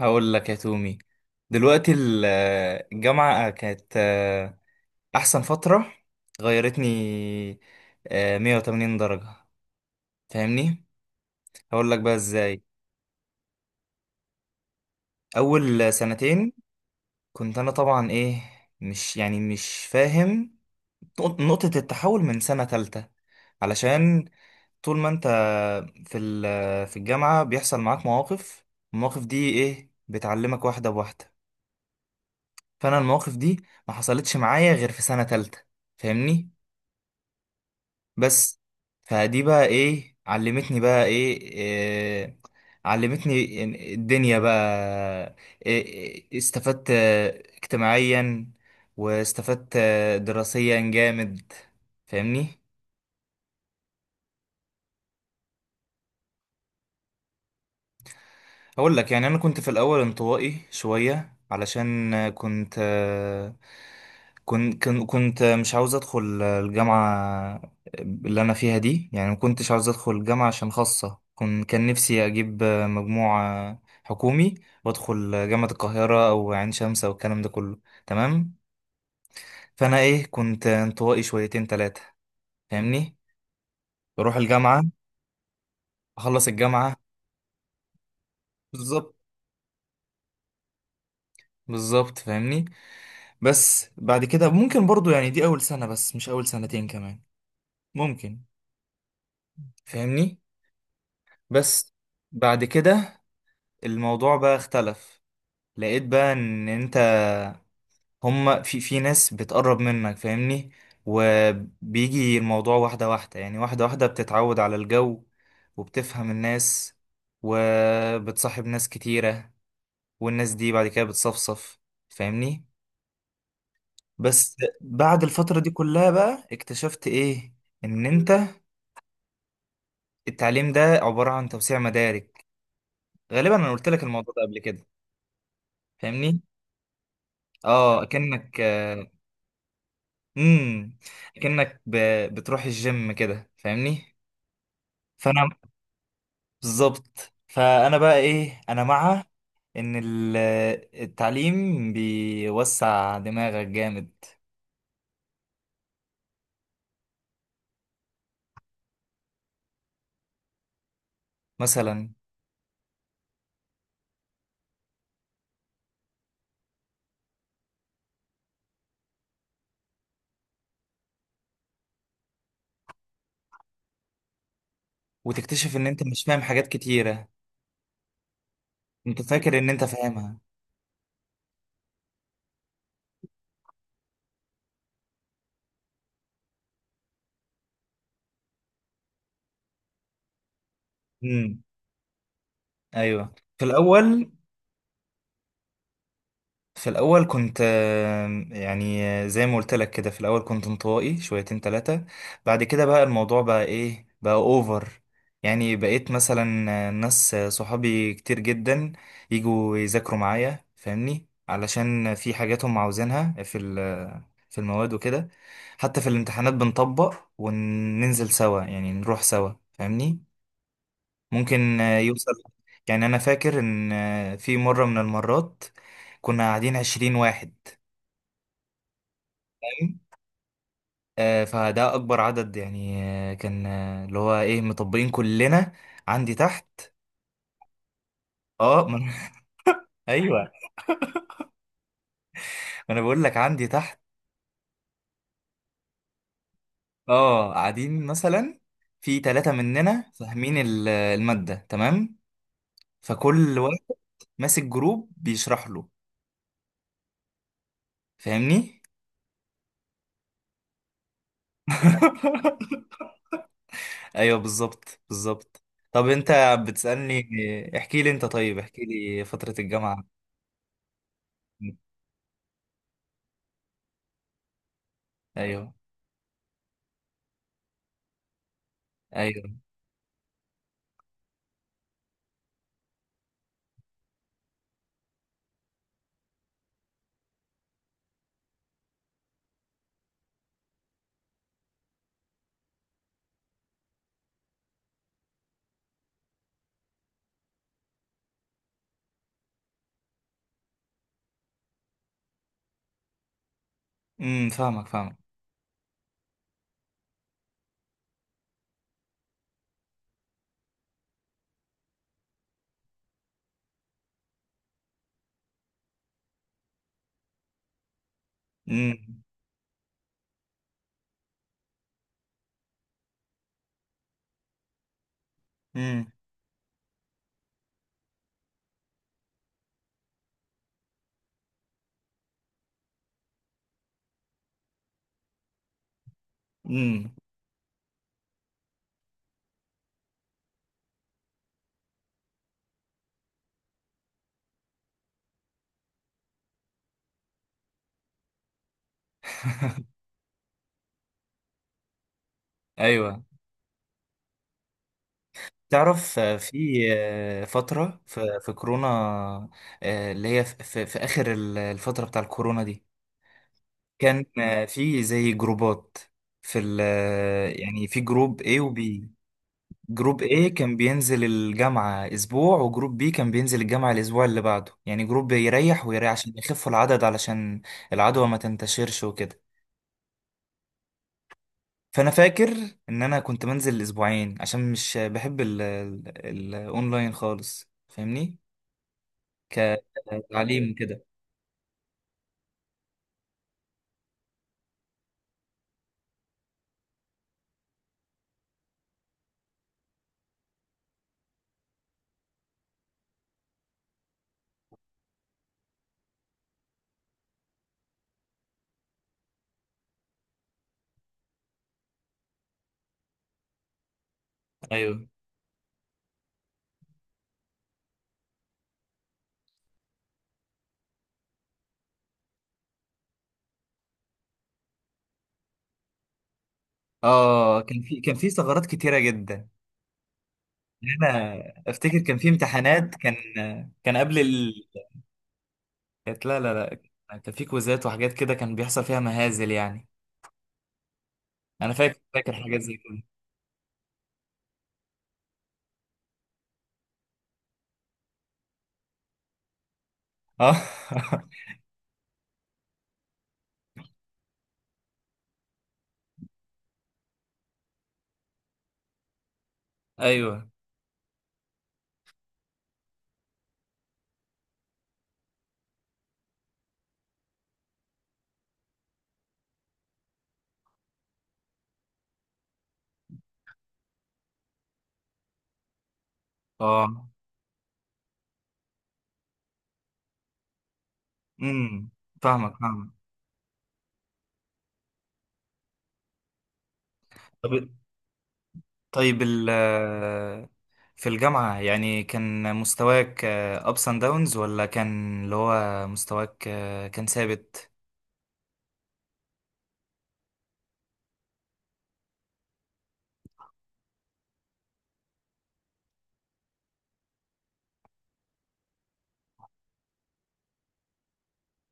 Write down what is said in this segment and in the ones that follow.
هقول لك يا تومي. دلوقتي الجامعة كانت أحسن فترة. غيرتني 180 درجة. فاهمني؟ هقول لك بقى إزاي. أول سنتين كنت أنا طبعا إيه، مش، يعني، مش فاهم. نقطة التحول من سنة تالتة، علشان طول ما أنت في الجامعة بيحصل معاك مواقف. المواقف دي إيه، بتعلمك واحدة بواحدة. فانا المواقف دي ما حصلتش معايا غير في سنة تالتة. فاهمني؟ بس فدي بقى ايه علمتني، بقى إيه. علمتني إن الدنيا بقى إيه. إيه، استفدت اجتماعيا، واستفدت دراسيا جامد. فاهمني؟ هقول لك. يعني انا كنت في الاول انطوائي شويه، علشان كنت مش عاوز ادخل الجامعه اللي انا فيها دي. يعني ما كنتش عاوز ادخل جامعه عشان خاصه كان نفسي اجيب مجموع حكومي، وادخل جامعه القاهره او عين شمس او الكلام ده كله. تمام. فانا ايه، كنت انطوائي شويتين ثلاثه. فاهمني؟ بروح الجامعه، اخلص الجامعه. بالظبط بالظبط. فاهمني؟ بس بعد كده ممكن برضو، يعني دي أول سنة بس، مش أول سنتين كمان. ممكن. فاهمني؟ بس بعد كده الموضوع بقى اختلف. لقيت بقى إن أنت، هما، في ناس بتقرب منك. فاهمني؟ وبيجي الموضوع واحدة واحدة، يعني واحدة واحدة بتتعود على الجو، وبتفهم الناس، وبتصاحب ناس كتيرة، والناس دي بعد كده بتصفصف. فاهمني؟ بس بعد الفترة دي كلها بقى اكتشفت ايه، ان انت التعليم ده عبارة عن توسيع مدارك. غالبا انا قلت لك الموضوع ده قبل كده. فاهمني؟ اه، امم اكنك بتروح الجيم كده. فاهمني؟ فانا بالظبط، فانا بقى ايه، انا مع ان التعليم بيوسع دماغك جامد. مثلا وتكتشف ان انت مش فاهم حاجات كتيرة. انت فاكر ان انت فاهمها. امم. ايوه في الاول. في الأول كنت يعني زي ما قلت لك كده. في الأول كنت انطوائي شويتين تلاتة. بعد كده بقى الموضوع بقى إيه، بقى أوفر. يعني بقيت مثلا ناس صحابي كتير جدا يجوا يذاكروا معايا. فاهمني؟ علشان في حاجات هم عاوزينها في ال- آه، في المواد وكده. حتى في الامتحانات بنطبق وننزل سوا، يعني نروح سوا. فاهمني؟ ممكن يوصل. يعني أنا فاكر إن في مرة من المرات كنا قاعدين عشرين واحد. فاهم؟ فده أكبر عدد يعني. آه، كان آه، اللي هو إيه، مطبقين كلنا عندي تحت. أه ما أنا- أيوه. ما أنا بقول لك عندي تحت. أه، قاعدين مثلا في ثلاثة مننا فاهمين المادة تمام. فكل واحد ماسك جروب بيشرح له. فاهمني؟ ايوه بالظبط بالظبط. طب انت بتسألني. احكي لي انت، طيب احكي لي فترة الجامعة. ايوه ايوه. امم. فاهمك فاهمك. امم. امم. امم. ايوه. تعرف في فترة في في كورونا، اللي هي في، في اخر الفترة بتاع الكورونا دي. كان في زي جروبات في ال آه، يعني في جروب A وB. جروب A كان بينزل الجامعة أسبوع، وجروب B كان بينزل الجامعة الأسبوع اللي بعده. يعني جروب يريح ويريح عشان يخفوا العدد، علشان العدوى ما تنتشرش وكده. فأنا فاكر إن أنا كنت منزل أسبوعين، عشان مش بحب الأونلاين خالص. فاهمني؟ كتعليم كده. أيوه. آه، كان في ثغرات كتيرة جدا. يعني أنا أفتكر كان في امتحانات. كان كان قبل ال... كانت- لا لا لا. كان في كويزات وحاجات كده، كان بيحصل فيها مهازل يعني. انا فاكر حاجات زي كده. اه. ايوه. اه. امم. فاهمك فاهمك. طب طيب في الجامعة، يعني كان مستواك ups and downs، ولا كان اللي هو مستواك كان ثابت.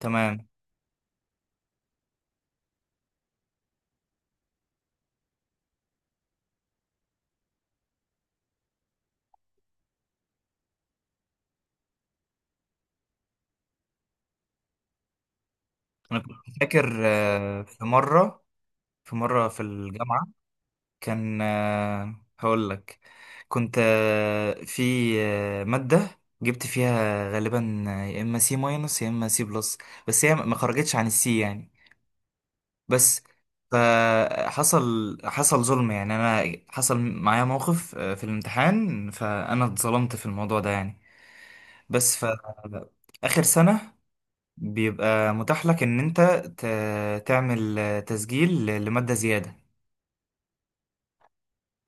تمام. انا كنت فاكر في مرة، في الجامعة كان هقول لك. كنت آه، في آه، مادة جبت فيها غالبا يا اما سي ماينس يا اما سي بلس. بس هي ما خرجتش عن السي يعني. بس حصل ظلم يعني. انا حصل معايا موقف في الامتحان، فانا اتظلمت في الموضوع ده يعني. بس ف، اخر سنة بيبقى متاح لك ان انت تعمل تسجيل لمادة زيادة.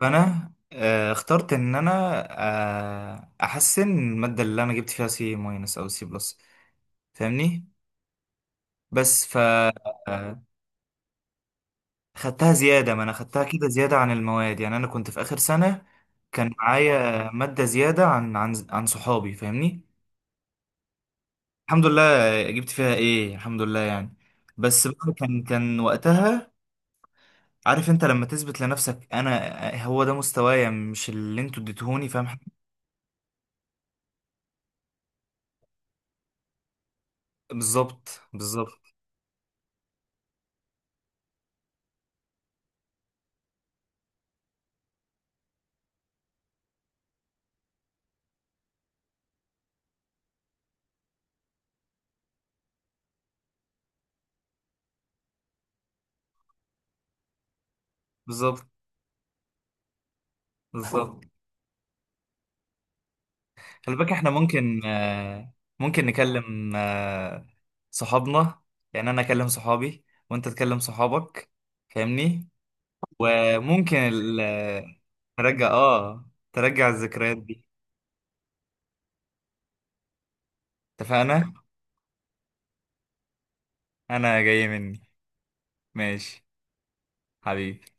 فانا اخترت ان انا احسن الماده اللي انا جبت فيها سي ماينس او سي بلس. فاهمني؟ بس ف آه، خدتها زياده. ما انا خدتها كده زياده عن المواد، يعني انا كنت في اخر سنه. كان معايا ماده زياده عن صحابي. فاهمني؟ الحمد لله. جبت فيها ايه الحمد لله يعني. بس بقى كان وقتها، عارف انت، لما تثبت لنفسك انا هو ده مستوايا، مش اللي انتوا اديتهوني. فاهم حاجة؟ بالظبط بالظبط بالظبط بالظبط. خلي بالك احنا ممكن ممكن نكلم صحابنا. يعني انا اكلم صحابي وانت تكلم صحابك. فاهمني؟ وممكن نرجع. اه، ترجع الذكريات دي. اتفقنا. انا جاي مني. ماشي حبيبي.